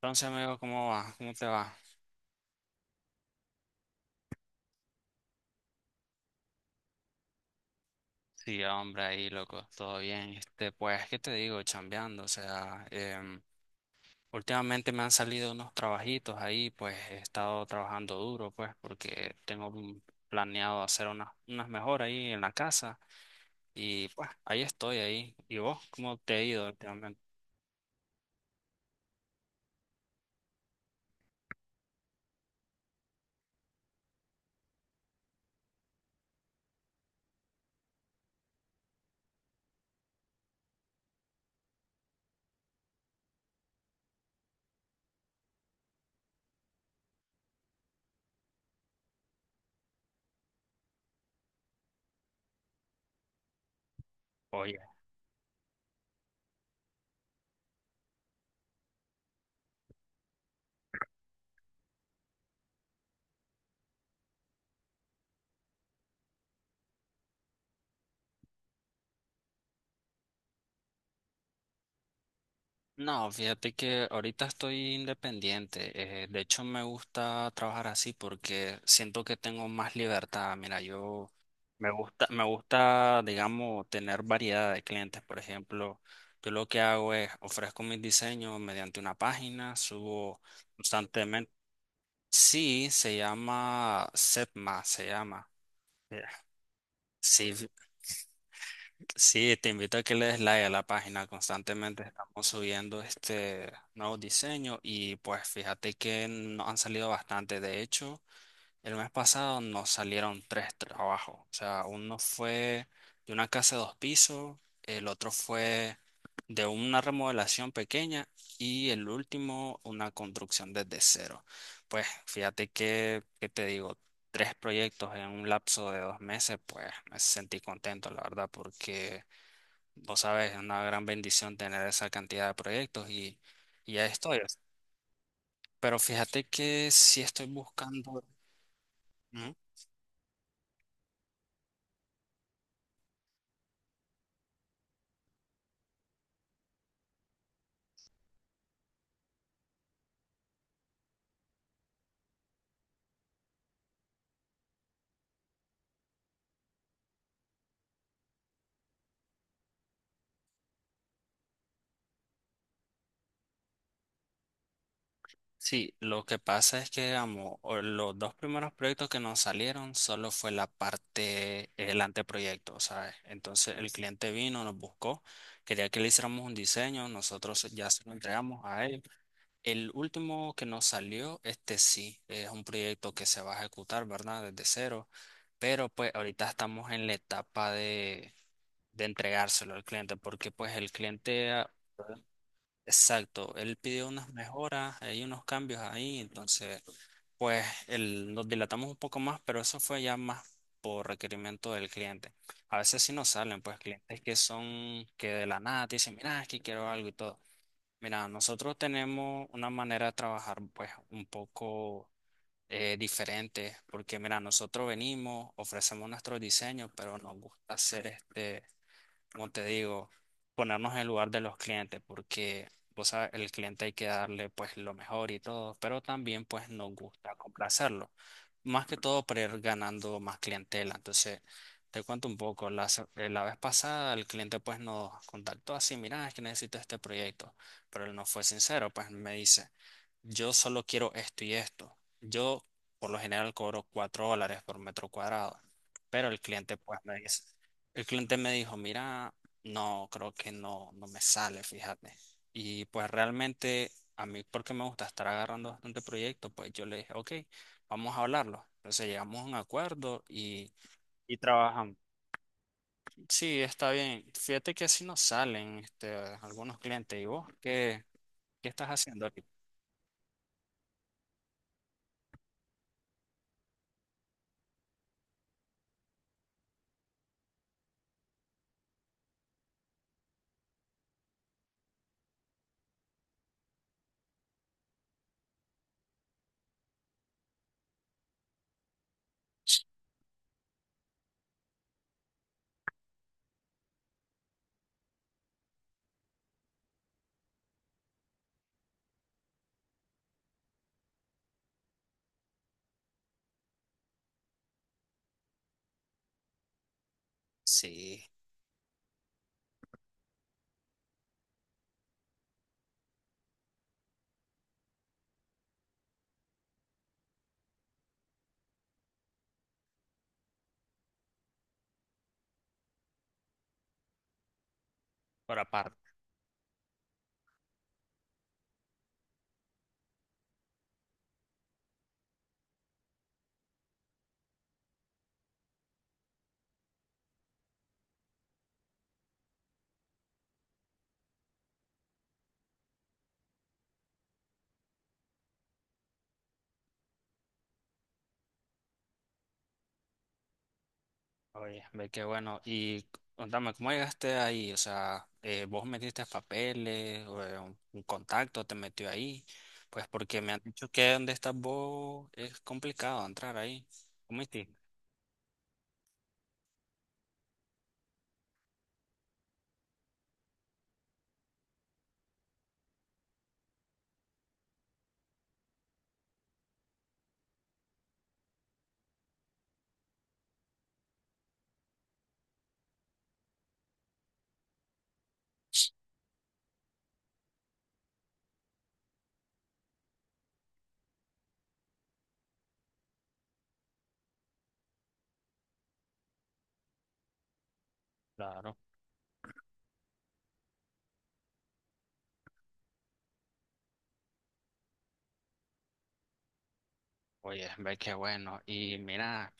Entonces, amigo, ¿cómo va? ¿Cómo te va? Sí, hombre, ahí, loco, todo bien. Este, pues, ¿qué te digo? Chambeando, o sea, últimamente me han salido unos trabajitos ahí, pues, he estado trabajando duro, pues, porque planeado hacer unas mejoras ahí en la casa y, pues, ahí estoy, ahí. ¿Y vos? ¿Cómo te ha ido últimamente? No, fíjate que ahorita estoy independiente. De hecho, me gusta trabajar así porque siento que tengo más libertad. Mira, yo me gusta, digamos, tener variedad de clientes. Por ejemplo, yo lo que hago es ofrezco mis diseños mediante una página, subo constantemente. Sí, se llama Setma, se llama. Eh, Sí, Sí, te invito a que le des like a la página. Constantemente estamos subiendo este nuevo diseño y pues fíjate que nos han salido bastante. De hecho, el mes pasado nos salieron tres trabajos. O sea, uno fue de una casa de dos pisos, el otro fue de una remodelación pequeña y el último una construcción desde cero. Pues fíjate que, ¿qué te digo? Tres proyectos en un lapso de 2 meses, pues me sentí contento, la verdad, porque... Vos sabes, es una gran bendición tener esa cantidad de proyectos y ya estoy. Pero fíjate que si estoy buscando... Ujú. Sí, lo que pasa es que, digamos, los dos primeros proyectos que nos salieron solo fue la parte, el anteproyecto, ¿sabes? Entonces el cliente vino, nos buscó, quería que le hiciéramos un diseño, nosotros ya se lo entregamos a él. El último que nos salió, este sí, es un proyecto que se va a ejecutar, ¿verdad? Desde cero, pero pues ahorita estamos en la etapa de entregárselo al cliente, porque pues el cliente, ah, exacto, él pidió unas mejoras, hay unos cambios ahí, entonces pues nos dilatamos un poco más, pero eso fue ya más por requerimiento del cliente. A veces sí nos salen pues clientes que son que de la nada te dicen, mira, es que quiero algo y todo. Mira, nosotros tenemos una manera de trabajar pues un poco diferente, porque mira, nosotros venimos, ofrecemos nuestro diseño, pero nos gusta hacer este como te digo, ponernos en el lugar de los clientes, porque vos sabes, el cliente hay que darle pues lo mejor y todo, pero también pues nos gusta complacerlo, más que todo para ir ganando más clientela. Entonces, te cuento un poco, la vez pasada el cliente pues nos contactó así, mira, es que necesito este proyecto, pero él no fue sincero, pues me dice, yo solo quiero esto y esto. Yo por lo general cobro $4 por metro cuadrado, pero el cliente pues me dice... El cliente me dijo, mira, no, creo que no, no me sale, fíjate. Y pues realmente a mí, porque me gusta estar agarrando bastante proyecto, pues yo le dije, ok, vamos a hablarlo. Entonces llegamos a un acuerdo y trabajamos. Sí, está bien. Fíjate que así nos salen algunos clientes. ¿Y vos qué, qué estás haciendo ahorita? Sí, por aparte. Oye, ve qué bueno. Y contame, ¿cómo llegaste ahí? O sea, ¿vos metiste papeles o un contacto te metió ahí? Pues porque me han dicho que donde estás vos es complicado entrar ahí. ¿Cómo hiciste? Claro. Oye, ve qué bueno. Y mira,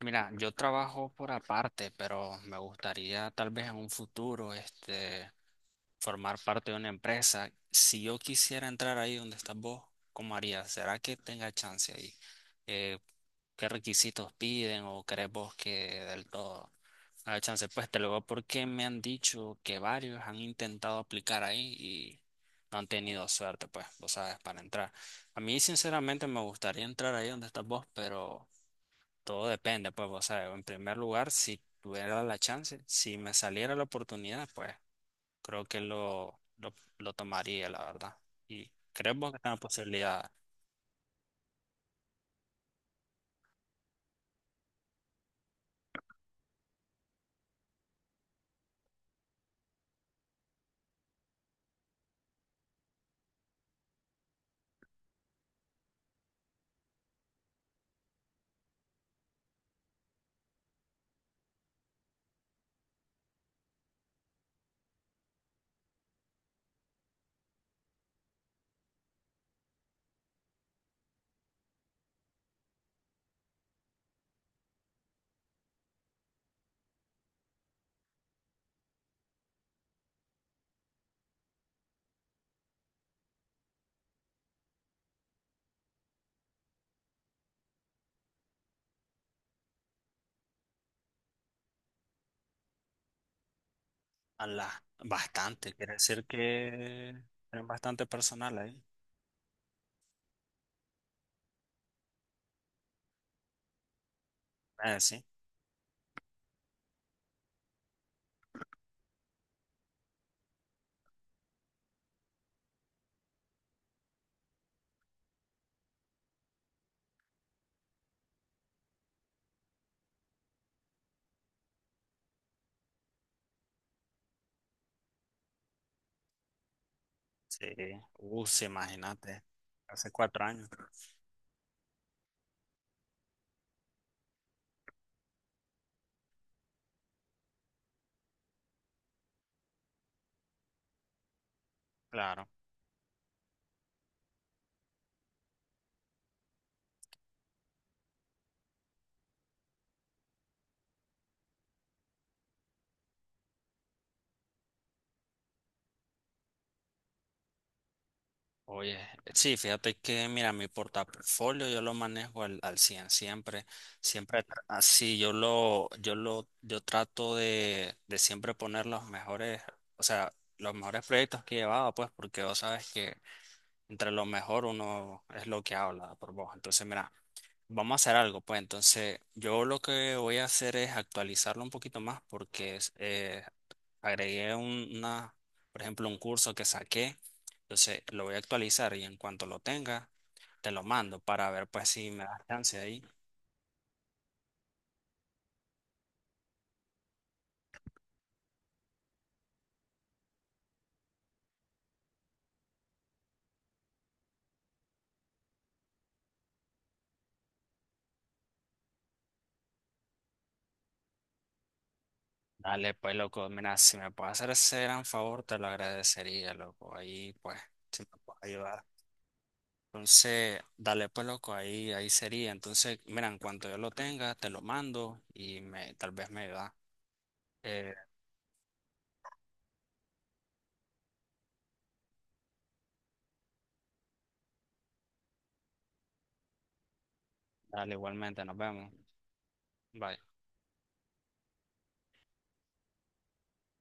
mira, yo trabajo por aparte, pero me gustaría tal vez en un futuro, este. Formar parte de una empresa, si yo quisiera entrar ahí donde estás vos, ¿cómo harías? ¿Será que tenga chance ahí? Eh, ¿Qué requisitos piden o crees vos que del todo haya chance? Pues te lo digo porque me han dicho que varios han intentado aplicar ahí y no han tenido suerte, pues, vos sabes, para entrar. A mí, sinceramente, me gustaría entrar ahí donde estás vos, pero todo depende, pues, vos sabes, en primer lugar, si tuviera la chance, si me saliera la oportunidad, pues creo que lo tomaría, la verdad. Y creemos que es una posibilidad a la, bastante. Quiere decir que es bastante personal ahí. Sí, sí. Sí, imagínate. Hace 4 años. Claro. Oye, sí, fíjate que, mira, mi portafolio yo lo manejo al 100 siempre, así, yo trato de siempre poner los mejores, o sea, los mejores proyectos que he llevado, pues, porque vos sabes que entre lo mejor uno es lo que habla por voz. Entonces, mira, vamos a hacer algo, pues entonces yo lo que voy a hacer es actualizarlo un poquito más porque es, agregué una, por ejemplo, un curso que saqué, entonces lo voy a actualizar y en cuanto lo tenga, te lo mando para ver pues si me das chance ahí. Dale, pues loco, mira, si me puedes hacer ese gran favor, te lo agradecería, loco. Ahí pues, si me puedes ayudar. Entonces, dale pues loco, ahí, ahí sería. Entonces, mira, en cuanto yo lo tenga, te lo mando y me, tal vez me da. Eh, Dale igualmente, nos vemos. Bye.